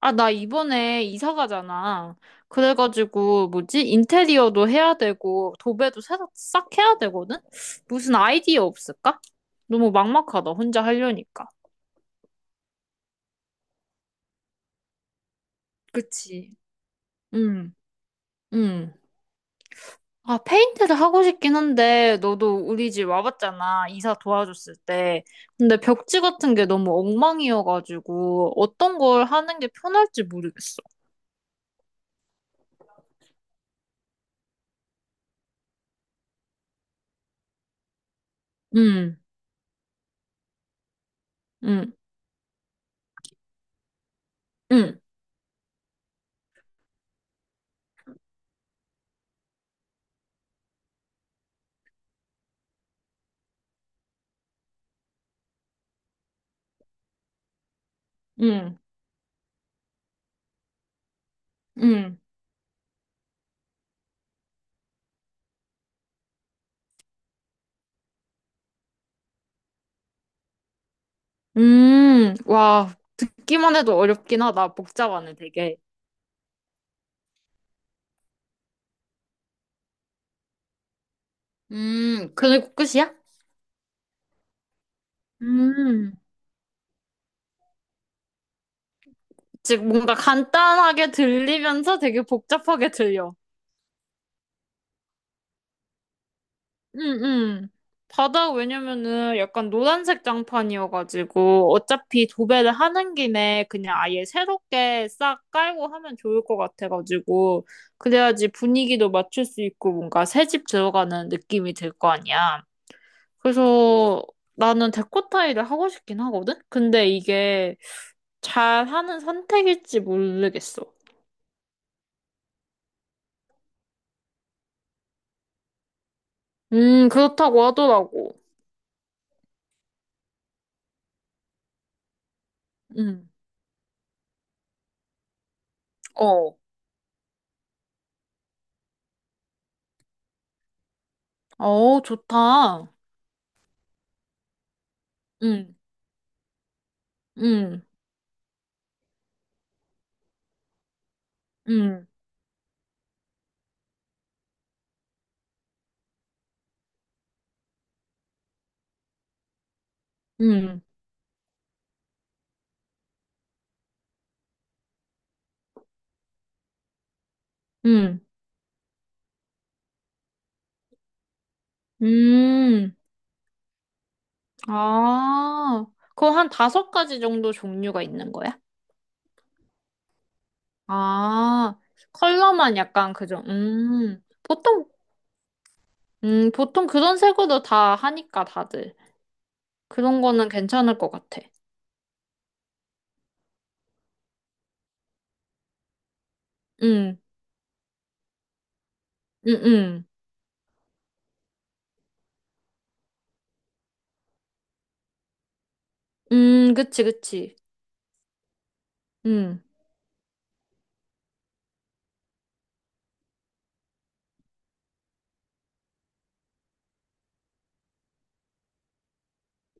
아, 나 이번에 이사 가잖아. 그래가지고, 뭐지? 인테리어도 해야 되고, 도배도 새로 싹 해야 되거든? 무슨 아이디어 없을까? 너무 막막하다, 혼자 하려니까. 그치. 응, 응. 아, 페인트를 하고 싶긴 한데, 너도 우리 집 와봤잖아. 이사 도와줬을 때. 근데 벽지 같은 게 너무 엉망이어가지고, 어떤 걸 하는 게 편할지 모르겠어. 응, 응, 응, 응, 응. 와, 듣기만 해도 어렵긴 하다. 복잡하네, 되게. 그리고 끝이야? 음, 즉, 뭔가 간단하게 들리면서 되게 복잡하게 들려. 음, 음. 바다, 왜냐면은 약간 노란색 장판이어가지고, 어차피 도배를 하는 김에 그냥 아예 새롭게 싹 깔고 하면 좋을 것 같아가지고, 그래야지 분위기도 맞출 수 있고, 뭔가 새집 들어가는 느낌이 들 거 아니야. 그래서 나는 데코타이를 하고 싶긴 하거든? 근데 이게 잘하는 선택일지 모르겠어. 그렇다고 하더라고. 음, 어. 어, 좋다. 음, 음, 음, 음, 음, 음. 아, 그거 한 다섯 가지 정도 종류가 있는 거야? 아, 컬러만 약간 그죠? 보통, 보통 그런 색으로 다 하니까 다들. 그런 거는 괜찮을 것 같아. 응, 응, 응. 그치, 그치. 응,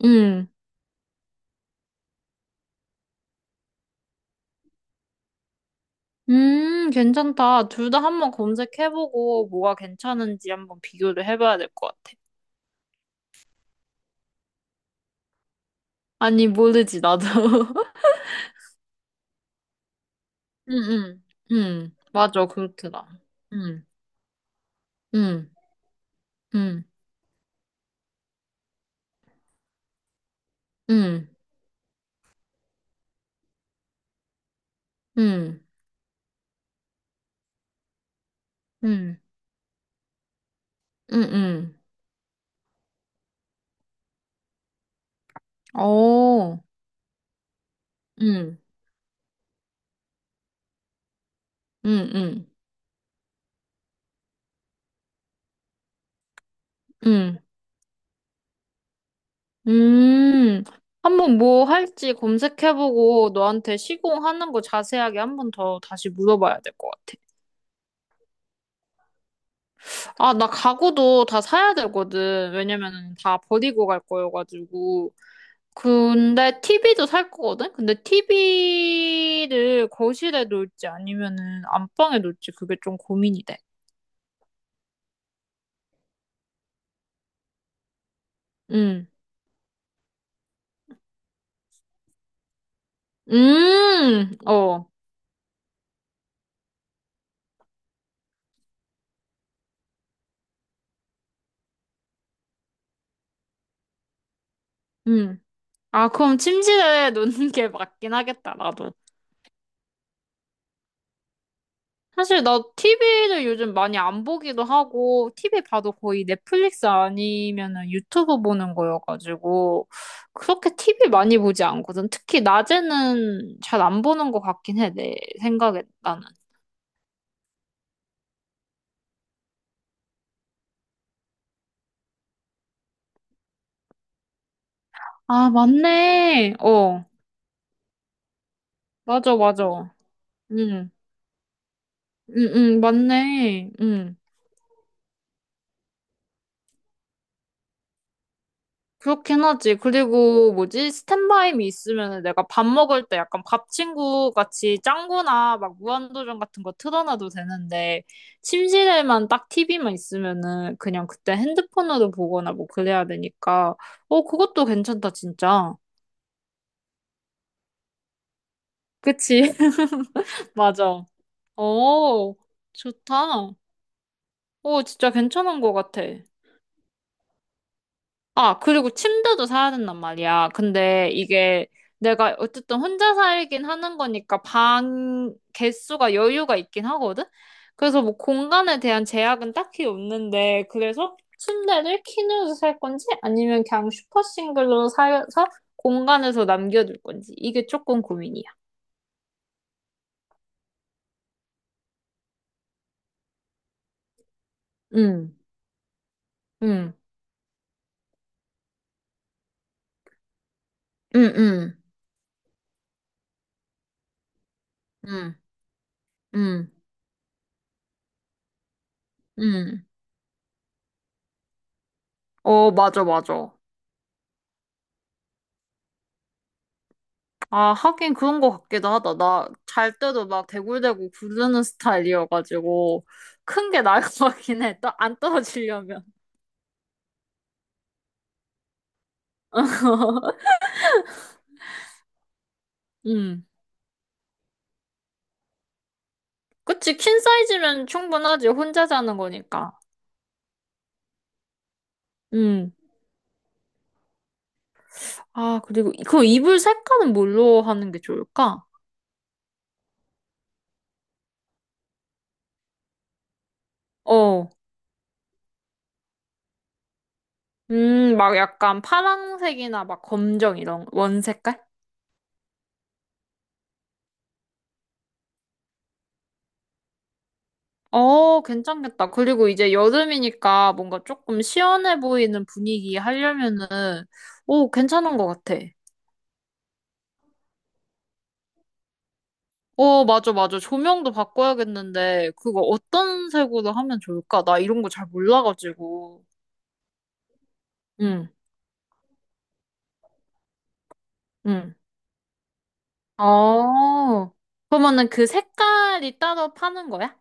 응. 괜찮다. 둘 다 한번 검색해보고 뭐가 괜찮은지 한번 비교를 해봐야 될 것 같아. 아니, 모르지, 나도. 응, 응, 응. 맞아, 그렇더라. 응, 응, 응, 응, 응, 응, 응, 응. 오, 응, 어, 응, 응, 응. 음, 한번 뭐 할지 검색해보고 너한테 시공하는 거 자세하게 한번 더 다시 물어봐야 될 것 같아. 아, 나 가구도 다 사야 되거든. 왜냐면은 다 버리고 갈 거여가지고. 근데 TV도 살 거거든? 근데 TV를 거실에 놓을지 아니면은 안방에 놓을지 그게 좀 고민이 돼. 음, 어, 음. 아, 그럼 침실에 놓는 게 맞긴 하겠다, 나도. 사실 나 TV를 요즘 많이 안 보기도 하고, TV 봐도 거의 넷플릭스 아니면은 유튜브 보는 거여가지고, 그렇게 TV 많이 보지 않거든. 특히 낮에는 잘 안 보는 것 같긴 해, 내 생각에, 나는. 아, 맞네. 어, 맞아, 맞아. 응, 응, 응, 맞네. 응. 그렇긴 하지. 그리고 뭐지? 스탠바이미 있으면 내가 밥 먹을 때 약간 밥 친구 같이 짱구나 막 무한도전 같은 거 틀어놔도 되는데 침실에만 딱 TV만 있으면은 그냥 그때 핸드폰으로 보거나 뭐 그래야 되니까 어 그것도 괜찮다 진짜. 그치? 맞아. 어 좋다. 어 진짜 괜찮은 것 같아. 아, 그리고 침대도 사야 된단 말이야. 근데 이게 내가 어쨌든 혼자 살긴 하는 거니까 방 개수가 여유가 있긴 하거든? 그래서 뭐 공간에 대한 제약은 딱히 없는데, 그래서 침대를 퀸으로 살 건지 아니면 그냥 슈퍼 싱글로 사서 공간에서 남겨둘 건지 이게 조금 고민이야. 응, 응, 응, 응, 응, 응, 응. 어, 맞아, 맞아. 아, 하긴 그런 것 같기도 하다. 나 잘 때도 막 대굴대굴 구르는 스타일이어가지고, 큰 게 나을 것 같긴 해. 안 떨어지려면. 음. 그치, 퀸 사이즈면 충분하지. 혼자 자는 거니까. 음. 아, 그리고, 그 이불 색깔은 뭘로 하는 게 좋을까? 어. 막 약간 파란색이나 막 검정 이런 원 색깔? 어, 괜찮겠다. 그리고 이제 여름이니까 뭔가 조금 시원해 보이는 분위기 하려면은, 오, 괜찮은 것 같아. 어, 맞아, 맞아. 조명도 바꿔야겠는데, 그거 어떤 색으로 하면 좋을까? 나 이런 거 잘 몰라가지고. 응, 응. 어, 그러면은 그 색깔이 따로 파는 거야?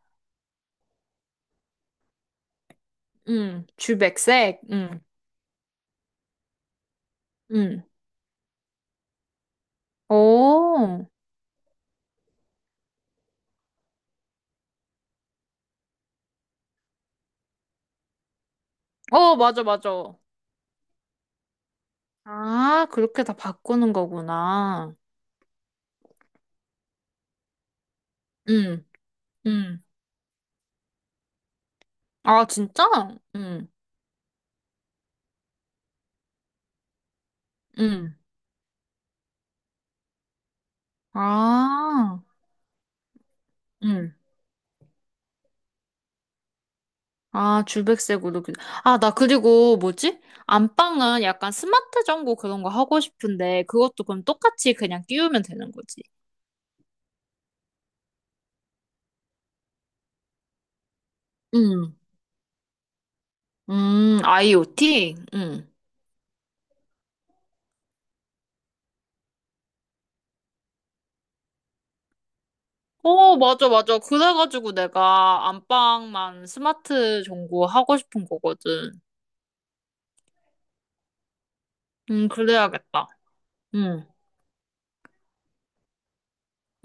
응, 주백색, 응, 응. 오, 어, 맞아, 맞아. 아, 그렇게 다 바꾸는 거구나. 응, 응. 아, 진짜? 응, 응. 아, 응. 아, 줄백색으로. 아, 나 그리고 뭐지? 안방은 약간 스마트 전구 그런 거 하고 싶은데 그것도 그럼 똑같이 그냥 끼우면 되는 거지. 음, IoT? 어, 맞아, 맞아. 그래가지고 내가 안방만 스마트 전구 하고 싶은 거거든. 그래야겠다. 음,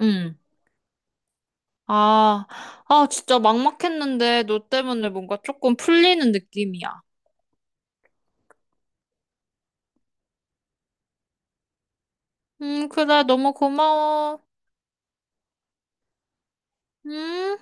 음. 아, 아, 진짜 막막했는데 너 때문에 뭔가 조금 풀리는 느낌이야. 그래. 너무 고마워. 음.